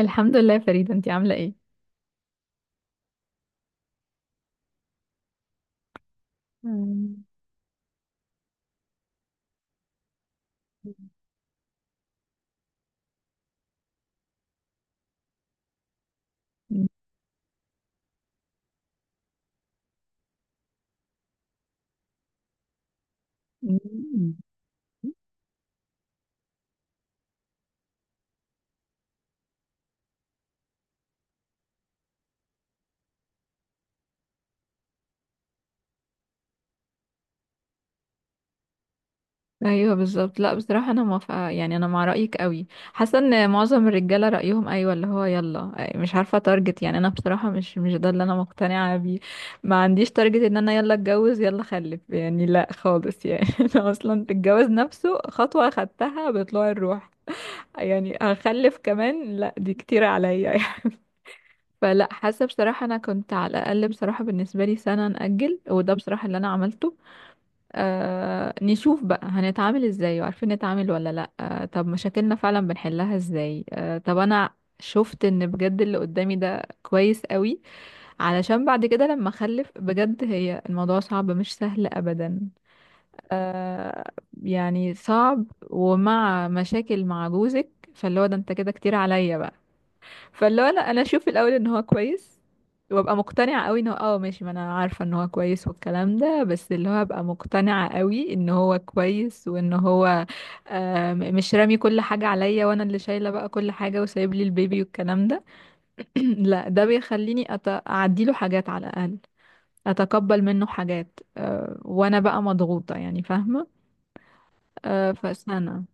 الحمد لله يا فريدة، انتي عاملة ايه؟ مم. ايوه، بالظبط. لا، بصراحة انا موافقة، يعني انا مع رأيك قوي. حاسة ان معظم الرجالة رأيهم ايوه، اللي هو يلا، مش عارفة تارجت. يعني انا بصراحة مش ده اللي انا مقتنعة بيه. ما عنديش تارجت ان انا يلا اتجوز يلا خلف، يعني لا خالص يعني. انا اصلا الجواز نفسه خطوة خدتها بطلوع الروح، يعني هخلف كمان؟ لا دي كتير عليا. فلا، حاسه بصراحه انا كنت على الاقل بصراحه بالنسبه لي سنه ناجل، وده بصراحه اللي انا عملته. نشوف بقى هنتعامل ازاي، وعارفين نتعامل ولا لا، طب مشاكلنا فعلا بنحلها ازاي، طب انا شفت ان بجد اللي قدامي ده كويس قوي، علشان بعد كده لما اخلف بجد هي الموضوع صعب، مش سهل ابدا. آه، يعني صعب ومع مشاكل مع جوزك. فاللي هو ده انت كده كتير عليا بقى. فاللي هو انا اشوف الاول ان هو كويس، وابقى مقتنعه قوي ان هو اه ماشي، ما انا عارفه ان هو كويس والكلام ده، بس اللي هو ابقى مقتنعه قوي ان هو كويس، وان هو آه، مش رامي كل حاجه عليا وانا اللي شايله بقى كل حاجه وسايب لي البيبي والكلام ده. لا ده بيخليني اعديله حاجات على الاقل، اتقبل منه حاجات. أه وانا بقى مضغوطه يعني، فاهمه؟ أه، فسنه.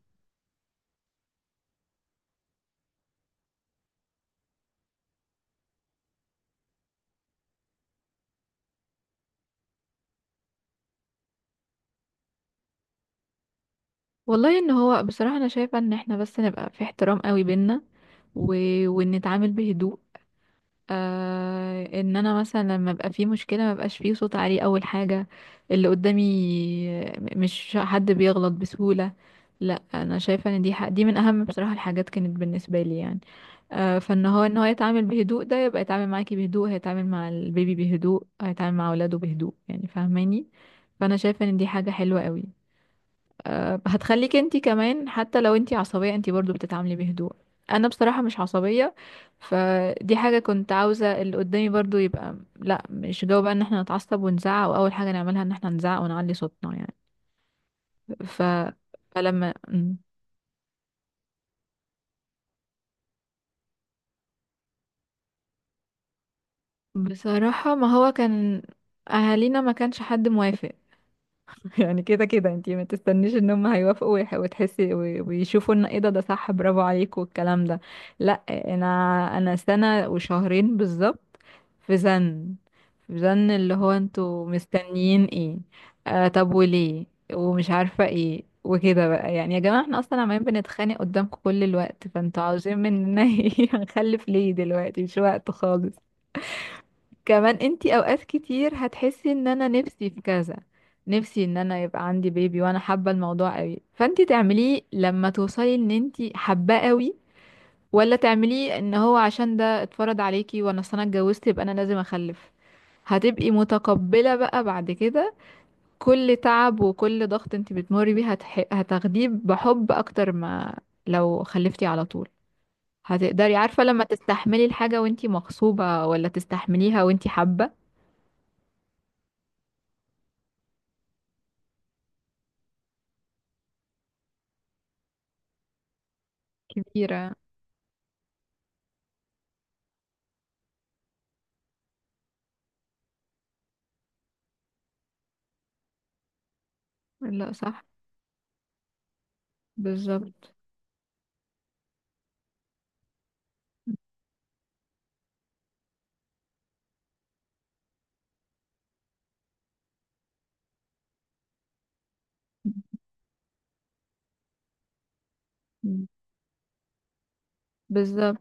والله ان هو بصراحه انا شايفه ان احنا بس نبقى في احترام قوي بينا، و... ونتعامل بهدوء. آه، ان انا مثلا لما ابقى في مشكله ما بقاش فيه صوت عالي، اول حاجه اللي قدامي مش حد بيغلط بسهوله. لا انا شايفه ان دي حق دي من اهم بصراحه الحاجات كانت بالنسبه لي يعني. آه، فان هو، ان هو يتعامل بهدوء، ده يبقى يتعامل معاكي بهدوء، هيتعامل مع البيبي بهدوء، هيتعامل مع اولاده بهدوء، يعني فاهماني؟ فانا شايفه ان دي حاجه حلوه قوي. آه، هتخليك انتي كمان حتى لو انتي عصبية انتي برضو بتتعاملي بهدوء. انا بصراحة مش عصبية. فدي حاجة كنت عاوزة اللي قدامي برضو يبقى، لا مش جو بقى ان احنا نتعصب ونزعق، واول حاجة نعملها ان احنا نزعق ونعلي صوتنا يعني. ف... فلما مم. بصراحة ما هو كان اهالينا ما كانش حد موافق. يعني كده كده انتي ما تستنيش ان هم هيوافقوا وتحسي ويشوفوا ان ايه ده، ده صح برافو عليك والكلام ده. لا انا، انا سنة وشهرين بالظبط في زن، في زن اللي هو انتوا مستنيين ايه؟ آه طب وليه؟ ومش عارفة ايه وكده بقى، يعني يا جماعة احنا اصلا عمالين بنتخانق قدامكم كل الوقت، فانتوا عاوزين مننا ايه؟ هنخلف ليه دلوقتي؟ مش وقت خالص. كمان انتي اوقات كتير هتحسي ان انا نفسي في كذا، نفسي ان انا يبقى عندي بيبي وانا حابة الموضوع قوي، فانتي تعمليه لما توصلي ان انتي حباه قوي، ولا تعمليه ان هو عشان ده اتفرض عليكي، وانا أصل انا اتجوزت يبقى انا لازم اخلف. هتبقي متقبلة بقى بعد كده كل تعب وكل ضغط انتي بتمري بيه، هتاخديه بحب اكتر ما لو خلفتي على طول. هتقدري، عارفة، لما تستحملي الحاجة وانتي مغصوبة، ولا تستحمليها وانتي حابة. كبيرة. لا صح. بالظبط، بالظبط.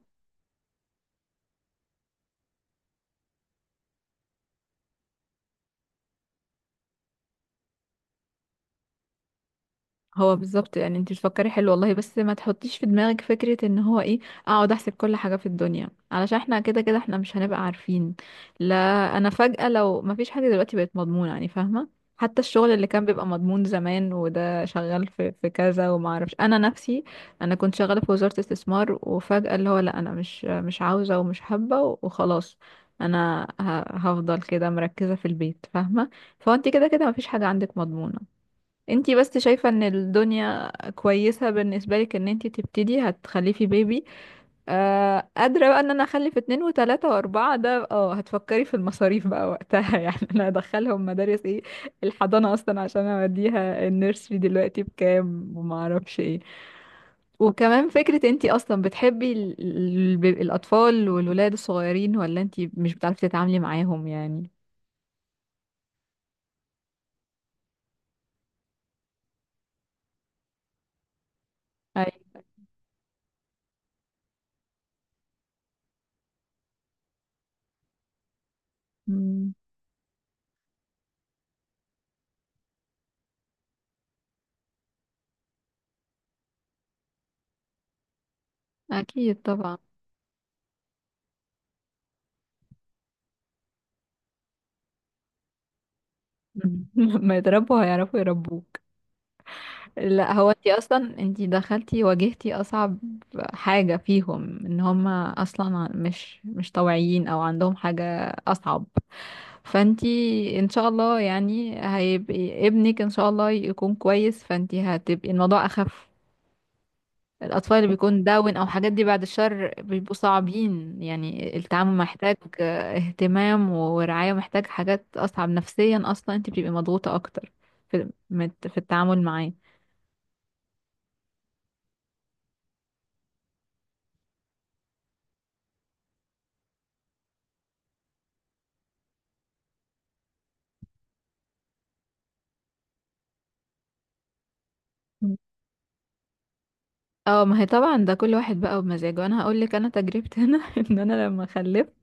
هو بالظبط يعني انت بتفكري حلو والله، بس ما تحطيش في دماغك فكرة ان هو ايه، اقعد احسب كل حاجة في الدنيا، علشان احنا كده كده احنا مش هنبقى عارفين. لا انا فجأة، لو ما فيش حاجة دلوقتي بقت مضمونة يعني، فاهمة؟ حتى الشغل اللي كان بيبقى مضمون زمان، وده شغال في كذا وما اعرفش، انا نفسي انا كنت شغالة في وزارة استثمار، وفجأة اللي هو لا انا مش عاوزة ومش حابة وخلاص. انا هفضل كده مركزة في البيت، فاهمة؟ فانت كده كده ما فيش حاجة عندك مضمونة. انتي بس شايفة ان الدنيا كويسة بالنسبة لك، ان انتي تبتدي هتخلفي بيبي. آه قادرة بقى ان انا اخلف اتنين وتلاتة واربعة، ده اه هتفكري في المصاريف بقى وقتها. يعني انا هدخلهم مدارس ايه؟ الحضانة اصلا عشان اوديها النيرسري دلوقتي بكام وما اعرفش ايه. وكمان فكرة انتي اصلا بتحبي الاطفال والولاد الصغيرين ولا انتي مش بتعرفي تتعاملي معاهم يعني؟ أي. مم، اكيد طبعا. لما يتربوا هيعرفوا يربوك. لا هو انتي اصلا انتي دخلتي واجهتي اصعب حاجة فيهم، ان هما اصلا مش طوعيين او عندهم حاجة اصعب. فانتي ان شاء الله يعني هيبقى ابنك ان شاء الله يكون كويس، فانتي هتبقي الموضوع اخف. الأطفال اللي بيكون داون أو حاجات دي بعد الشر بيبقوا صعبين، يعني التعامل محتاج آه، اهتمام ورعاية، محتاج حاجات أصعب نفسيا، أصلا أنت بتبقي مضغوطة أكتر في التعامل معاه. مم. اه ما هي طبعا ده كل واحد بقى ومزاجه. انا هقول لك انا تجربتي هنا. ان انا لما خلفت،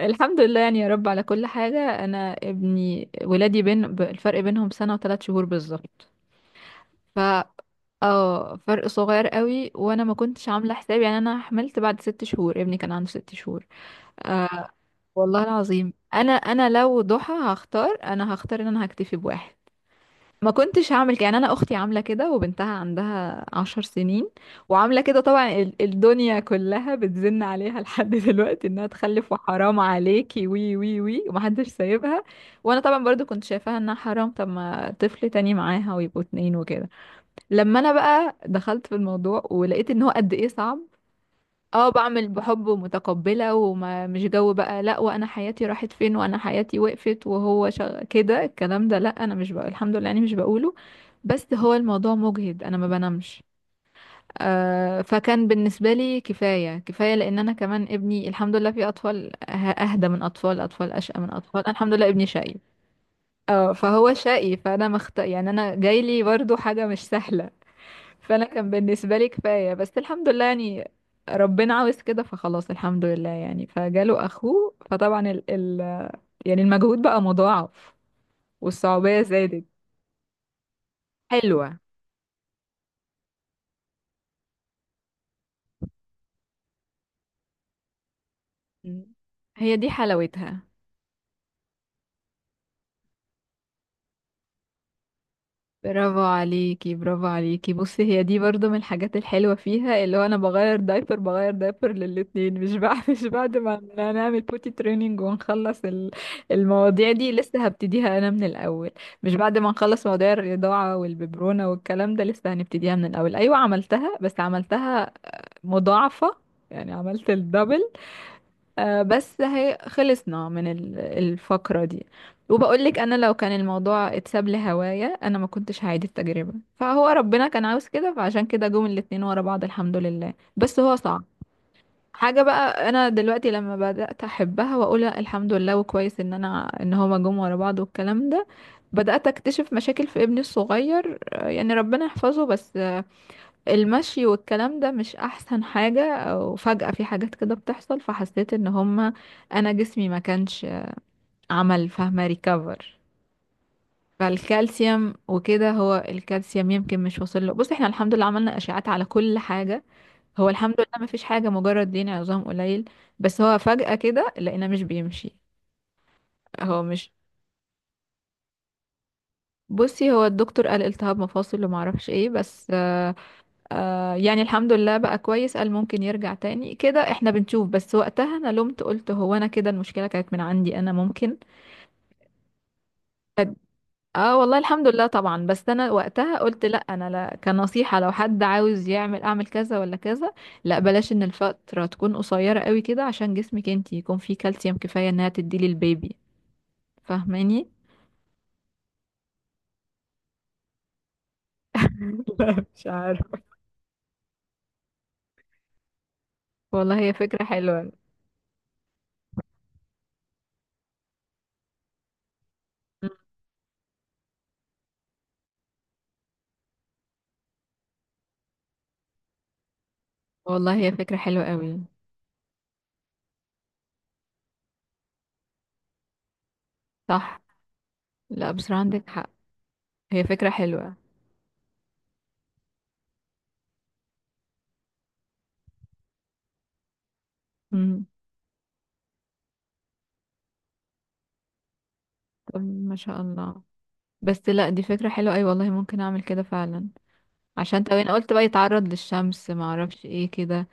الحمد لله يعني يا رب على كل حاجه، انا ولادي بين الفرق بينهم سنه وثلاث شهور بالظبط. ف اه فرق صغير قوي، وانا ما كنتش عامله حسابي، يعني انا حملت بعد 6 شهور، ابني كان عنده 6 شهور. آه والله العظيم انا، لو ضحى هختار، انا هختار ان انا هكتفي بواحد. ما كنتش هعمل كده، يعني انا اختي عامله كده وبنتها عندها 10 سنين وعامله كده. طبعا الدنيا كلها بتزن عليها لحد دلوقتي انها تخلف، وحرام عليكي وي وي وي ومحدش سايبها. وانا طبعا برضو كنت شايفاها انها حرام، طب ما طفل تاني معاها ويبقوا اتنين وكده. لما انا بقى دخلت في الموضوع ولقيت ان هو قد ايه صعب. اه، بعمل بحب ومتقبلة وما مش جو بقى لا وانا حياتي راحت فين، وانا حياتي وقفت، وهو كده الكلام ده، لا انا مش بقى، الحمد لله يعني، مش بقوله. بس هو الموضوع مجهد، انا ما بنامش. آه فكان بالنسبة لي كفاية. كفاية لان انا كمان ابني، الحمد لله، في اطفال اهدى من اطفال، اطفال اشقى من اطفال، أنا الحمد لله ابني شقي. اه فهو شقي، فانا يعني انا جايلي برضو حاجة مش سهلة. فانا كان بالنسبه لي كفايه، بس الحمد لله يعني ربنا عاوز كده فخلاص، الحمد لله يعني فجاله اخوه. فطبعا ال ال يعني المجهود بقى مضاعف والصعوبيه زادت. حلوة. مم. هي دي حلاوتها. برافو عليكي، برافو عليكي. بصي هي دي برضو من الحاجات الحلوة فيها، اللي هو انا بغير دايبر بغير دايبر للاتنين، مش بعد مش بعد ما نعمل بوتي تريننج ونخلص المواضيع دي لسه هبتديها انا من الاول. مش بعد ما نخلص مواضيع الرضاعة والببرونة والكلام ده لسه هنبتديها من الاول. ايوه عملتها، بس عملتها مضاعفة، يعني عملت الدبل. آه، بس هي خلصنا من الفقرة دي. وبقولك أنا لو كان الموضوع اتساب لهوايا أنا ما كنتش هعيد التجربة. فهو ربنا كان عاوز كده فعشان كده جم الاتنين ورا بعض، الحمد لله، بس هو صعب حاجة. بقى أنا دلوقتي لما بدأت أحبها وأقول لأ الحمد لله وكويس إن أنا إن هما جم ورا بعض والكلام ده، بدأت أكتشف مشاكل في ابني الصغير. آه، يعني ربنا يحفظه بس المشي والكلام ده مش احسن حاجة، وفجأة في حاجات كده بتحصل، فحسيت ان هما، انا جسمي ما كانش عمل، فاهمة، ريكفر. فالكالسيوم وكده، هو الكالسيوم يمكن مش واصل له. بص احنا الحمد لله عملنا اشعاعات على كل حاجة، هو الحمد لله ما فيش حاجة، مجرد دين عظام قليل. بس هو فجأة كده لقينا مش بيمشي، هو مش. بصي هو الدكتور قال التهاب مفاصل وما اعرفش ايه، بس آه يعني الحمد لله بقى كويس، قال ممكن يرجع تاني كده احنا بنشوف. بس وقتها انا لومت، قلت هو انا كده المشكلة كانت من عندي، انا ممكن. اه والله الحمد لله طبعا، بس انا وقتها قلت، لا انا لا، كنصيحة لو حد عاوز يعمل، اعمل كذا ولا كذا، لا بلاش، ان الفترة تكون قصيرة قوي كده عشان جسمك انتي يكون فيه كالسيوم كفاية انها تديلي البيبي، فاهماني؟ لا مش عارفة. والله هي فكرة حلوة. مم. والله هي فكرة حلوة قوي. صح. لا بصراحة عندك حق، هي فكرة حلوة. مم. طب ما شاء الله. بس لا دي فكرة حلوة، أي والله ممكن أعمل كده فعلا. عشان طب أنا قلت بقى يتعرض للشمس ما أعرفش إيه كده،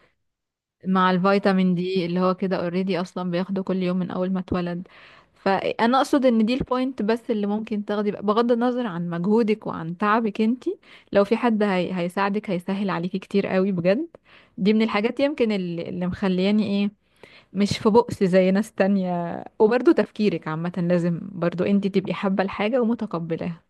مع الفيتامين دي اللي هو كده اوريدي أصلا بياخده كل يوم من أول ما اتولد. فأنا أقصد إن دي البوينت بس اللي ممكن تاخدي بقى، بغض النظر عن مجهودك وعن تعبك انتي. لو في حد هيساعدك هيسهل عليكي كتير قوي بجد. دي من الحاجات يمكن اللي مخلياني إيه، مش في بؤس زي ناس تانية. وبرضه تفكيرك عامة لازم برضه انتي تبقي حابة الحاجة ومتقبلاها،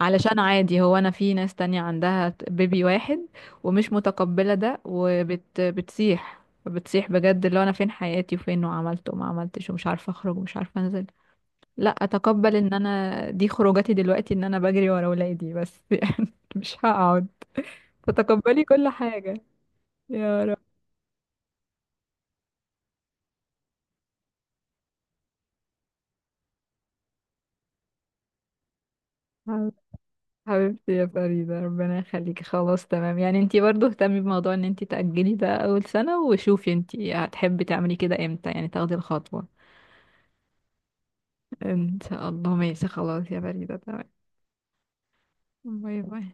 علشان عادي هو انا في ناس تانية عندها بيبي واحد ومش متقبلة ده، بتسيح بتسيح بجد، اللي هو انا فين حياتي وفين وعملت وما عملتش ومش عارفة اخرج ومش عارفة انزل. لا اتقبل ان انا دي خروجاتي دلوقتي، ان انا بجري ورا ولادي بس. يعني مش هقعد، فتقبلي كل حاجة. يا رب. حبيبتي يا فريدة، ربنا يخليكي. خلاص تمام، يعني انتي برضو اهتمي بموضوع ان انتي تأجلي ده اول سنة، وشوفي انتي هتحبي تعملي كده امتى، يعني تاخدي الخطوة. ان شاء الله، ماشي خلاص يا فريدة، تمام. باي باي.